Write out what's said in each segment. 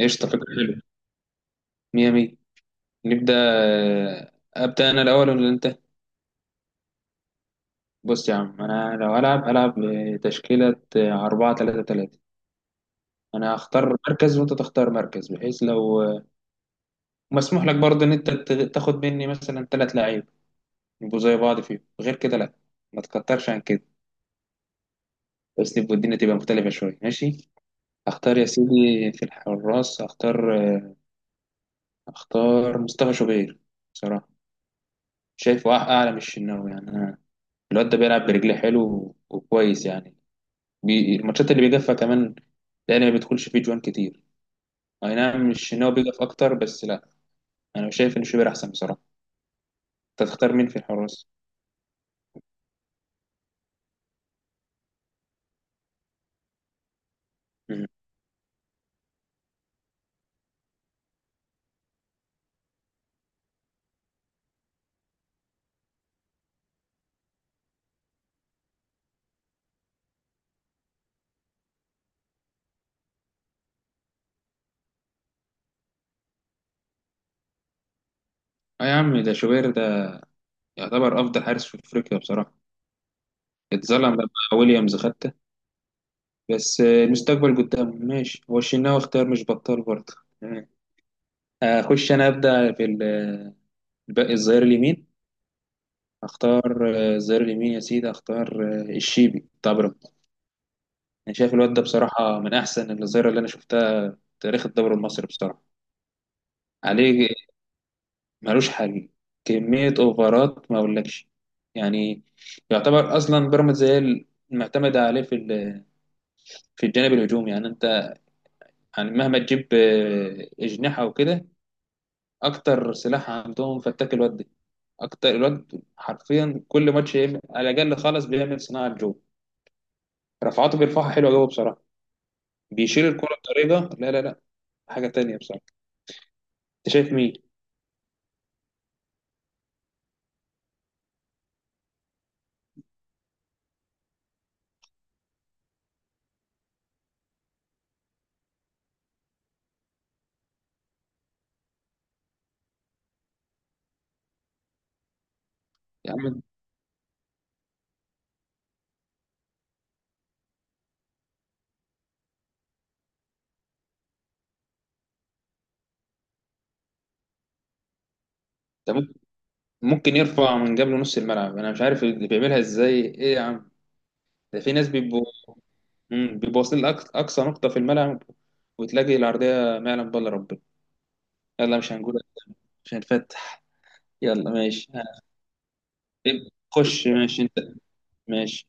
قشطة، فكرة حلوة. مية مية. نبدأ. أبدأ أنا الأول ولا أنت؟ بص يا عم، أنا لو هلعب بتشكيلة 4-3-3. أنا هختار مركز وأنت تختار مركز، بحيث لو مسموح لك برضه إن أنت تاخد مني مثلا 3 لعيب يبقوا زي بعض، فيهم غير كده لأ، ما تكترش عن كده. بس يبقى الدنيا تبقى مختلفة شوية، ماشي؟ هختار يا سيدي في الحراس، هختار، هختار مصطفى شوبير. بصراحة شايفه أعلى من الشناوي يعني أنا. الواد ده بيلعب برجليه حلو وكويس يعني. الماتشات اللي بيجفها كمان، لان ما بيدخلش فيه جوان كتير. اي نعم، مش ان هو بيجف اكتر، بس لا، انا شايف ان شوبير احسن بصراحه. انت تختار مين في الحراس؟ مم. اه يا عم، ده شوبير ده يعتبر افضل حارس في افريقيا بصراحه. اتظلم لما ويليامز خدته. بس المستقبل قدامه. ماشي، هو الشناوي اختيار مش بطال برضه. مم. اخش انا ابدا في الباقي، الظهير اليمين. اختار الظهير اليمين يا سيدي، اختار الشيبي طبعا. انا شايف الواد ده بصراحه من احسن الظاهره اللي انا شفتها في تاريخ الدوري المصري بصراحه. عليه ملوش حل. كميه اوفرات ما اقولكش يعني. يعتبر اصلا بيراميدز هي المعتمده عليه في في الجانب الهجومي يعني. انت يعني مهما تجيب اجنحه وكده، اكتر سلاح عندهم فتاك الواد ده. اكتر الواد حرفيا كل ماتش على الاقل خالص بيعمل صناعه جوه. رفعاته بيرفعها حلوه قوي بصراحه. بيشيل الكره بطريقه لا لا لا، حاجه تانيه بصراحه. انت شايف مين؟ يا عم انت، ممكن يرفع من قبل نص الملعب، انا مش عارف اللي بيعملها ازاي. ايه يا عم، ده في ناس بيبقوا، بيبقوا واصلين لأقصى أقصى نقطة في الملعب. وتلاقي العرضية ما يعلم بالله ربنا. يلا مش هنقول، مش هنفتح. يلا ماشي. ها، خش ماشي انت. ماشي.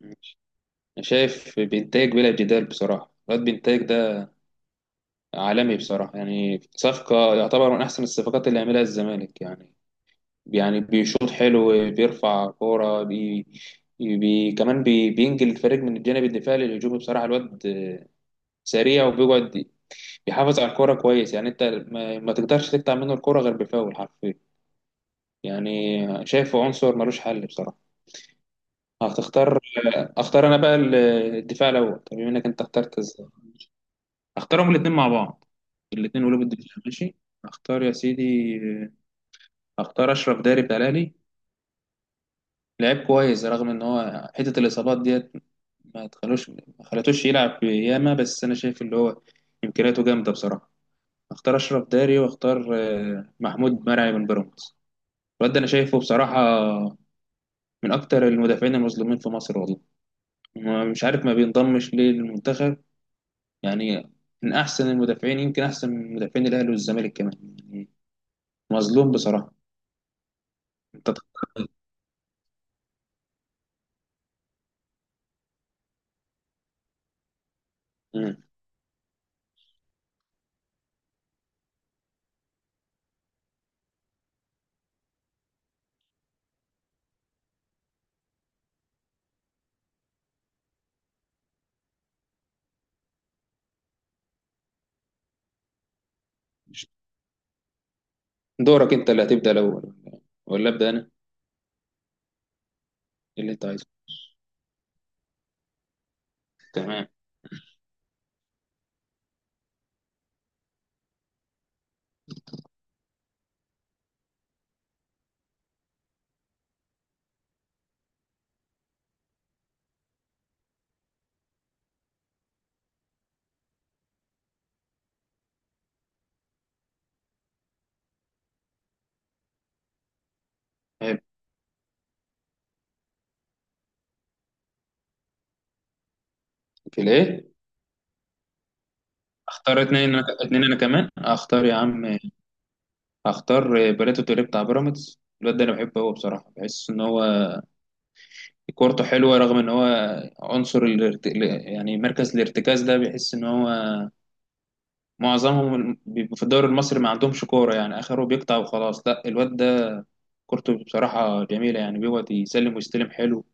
ماشي، انا شايف بينتاج بلا جدال بصراحة. الواد بينتاج ده عالمي بصراحة. يعني صفقة يعتبر من أحسن الصفقات اللي عملها الزمالك يعني. يعني بيشوط حلو، بيرفع كورة، كمان بينجل الفريق من الجانب الدفاعي للهجوم بصراحة. الواد سريع وبيقعد، بيحافظ على الكورة كويس. يعني انت ما تقدرش تقطع منه الكورة غير بفاول حرفيا يعني. شايفه عنصر ملوش حل بصراحة. هتختار؟ اختار انا بقى الدفاع الاول. طب بما انك انت اخترت، ازاي اختارهم الاثنين مع بعض؟ الاثنين قلوب الدفاع ماشي. اختار يا سيدي، اختار اشرف داري بتاع الاهلي. لعيب كويس رغم ان هو حته الاصابات ديت ما خلتوش يلعب ياما، بس انا شايف اللي هو امكانياته جامده بصراحه. اختار اشرف داري واختار محمود مرعي من بيراميدز. الواد ده انا شايفه بصراحه من اكتر المدافعين المظلومين في مصر والله. مش عارف ما بينضمش ليه للمنتخب يعني. من احسن المدافعين، يمكن احسن من مدافعين الاهلي والزمالك كمان يعني. مظلوم بصراحه. انت مم. دورك انت اللي هتبدا الاول ولا ابدا انا؟ إيه اللي انت عايزه؟ تمام. في الايه؟ اختار اتنين، انا اتنين، انا كمان اختار يا عم. اختار بريتو توريه بتاع بيراميدز. الواد ده انا بحبه هو بصراحه، بحس ان هو كورته حلوه رغم ان هو عنصر يعني مركز الارتكاز ده. بيحس ان هو معظمهم بيبقوا في الدوري المصري ما عندهمش كوره، يعني اخره بيقطع وخلاص. لا الواد ده كورته بصراحه جميله. يعني بيقعد يسلم ويستلم حلو،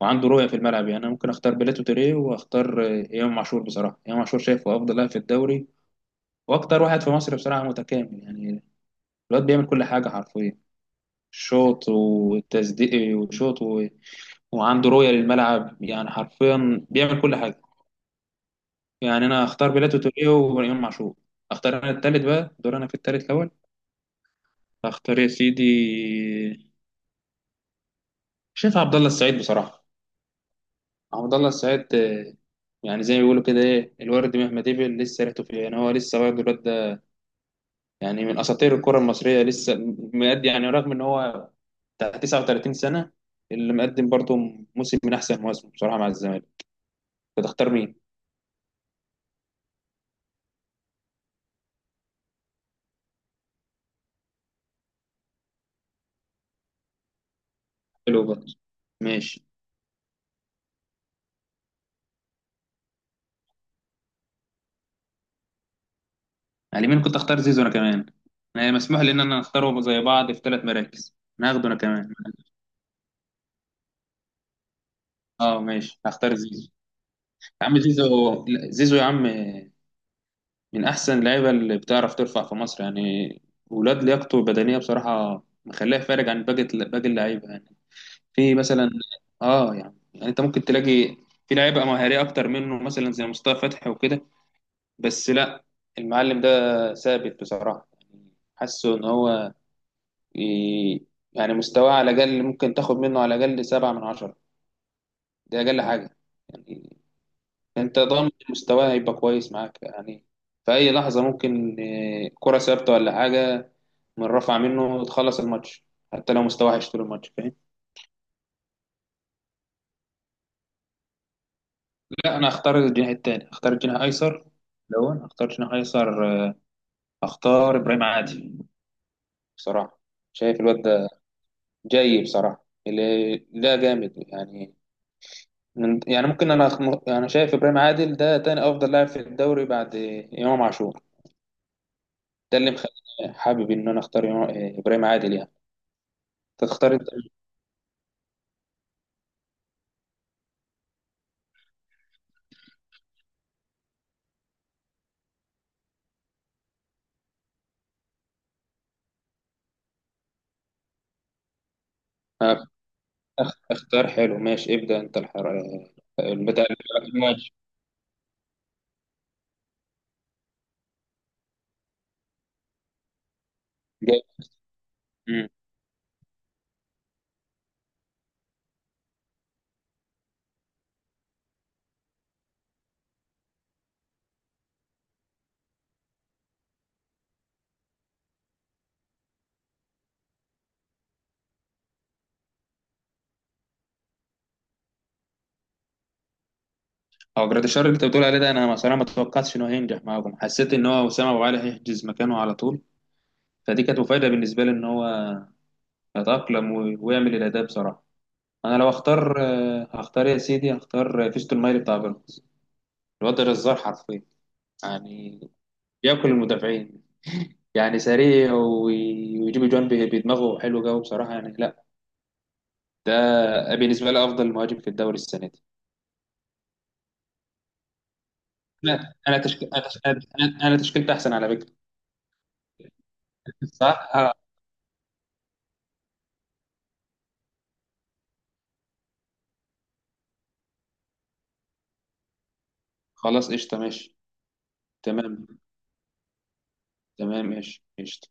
وعنده رؤيه في الملعب يعني. انا ممكن اختار بيلاتو توريه واختار امام عاشور. بصراحه امام عاشور شايفه افضل لاعب في الدوري واكتر واحد في مصر بصراحه متكامل يعني. الواد بيعمل كل حاجة حرفيا، شوط وتسديد وعنده رؤية للملعب. يعني حرفيا بيعمل كل حاجة. يعني أنا أختار بيلاتو توريه وإمام عاشور. أختار أنا التالت بقى، دور أنا في التالت الأول. أختار يا سيدي، شايف عبد الله السعيد بصراحة. عبد الله السعيد يعني زي ما بيقولوا كده، إيه الورد مهما دبل لسه ريحته فيه. يعني هو لسه برضه الواد ده يعني من أساطير الكرة المصرية، لسه مقدم يعني، رغم إن هو بتاع 39 سنة، اللي مقدم برضه موسم من أحسن مواسمه بصراحة مع الزمالك. كنت اختار مين؟ حلو برضه، ماشي. على اليمين كنت اختار زيزو انا كمان. انا مسموح لي ان انا اختاره زي بعض في 3 مراكز. انا هاخده انا كمان. اه ماشي، هختار زيزو. يا عم زيزو، لا، زيزو يا عم، من احسن اللعيبه اللي بتعرف ترفع في مصر يعني. ولاد لياقته البدنيه بصراحه مخليه فارق عن باقي اللعيبه يعني. في مثلا، اه يعني انت ممكن تلاقي في لعيبه مهاريه اكتر منه مثلا زي مصطفى فتحي وكده، بس لا، المعلم ده ثابت بصراحه. يعني حاسه ان هو ي- يعني مستواه على الأقل ممكن تاخد منه على الأقل 7 من 10. دي أقل حاجة يعني. أنت ضامن مستواه هيبقى كويس معاك يعني. في أي لحظة ممكن كرة ثابتة ولا حاجة من رفع منه تخلص الماتش، حتى لو مستواه وحش طول الماتش فاهم. لا أنا هختار الجناح التاني، هختار الجناح أيسر. لو أنا هختار جناح أيسر، هختار إبراهيم عادل بصراحة. شايف الواد ده جاي بصراحة، اللي لا جامد يعني. من يعني ممكن انا انا شايف ابراهيم عادل ده تاني افضل لاعب في الدوري بعد امام عاشور. ده اللي مخليني حابب ان انا اختار ابراهيم عادل يعني. تختار انت؟ أخ- اختار حلو، ماشي، ابدا انت الحر. ماشي. جاي. مم. هو جراديشار اللي انت بتقول عليه ده، انا مثلا ما توقعتش انه هينجح معاهم. حسيت ان هو وسام ابو علي هيحجز مكانه على طول. فدي كانت مفاجاه بالنسبه لي ان هو يتاقلم ويعمل الاداء بصراحه. انا لو اختار، هختار يا سيدي، هختار فيستون مايلي بتاع بيراميدز. الواد ده جزار حرفيا يعني، بياكل المدافعين. يعني سريع ويجيب جوان بدماغه حلو قوي بصراحه يعني. لا ده بالنسبه لي افضل مهاجم في الدوري السنه دي. لا انا تشكيل أنا تشكيلتي احسن على فكره. صح آه. خلاص قشطه ماشي. تمام. تمام ماشي قشطه.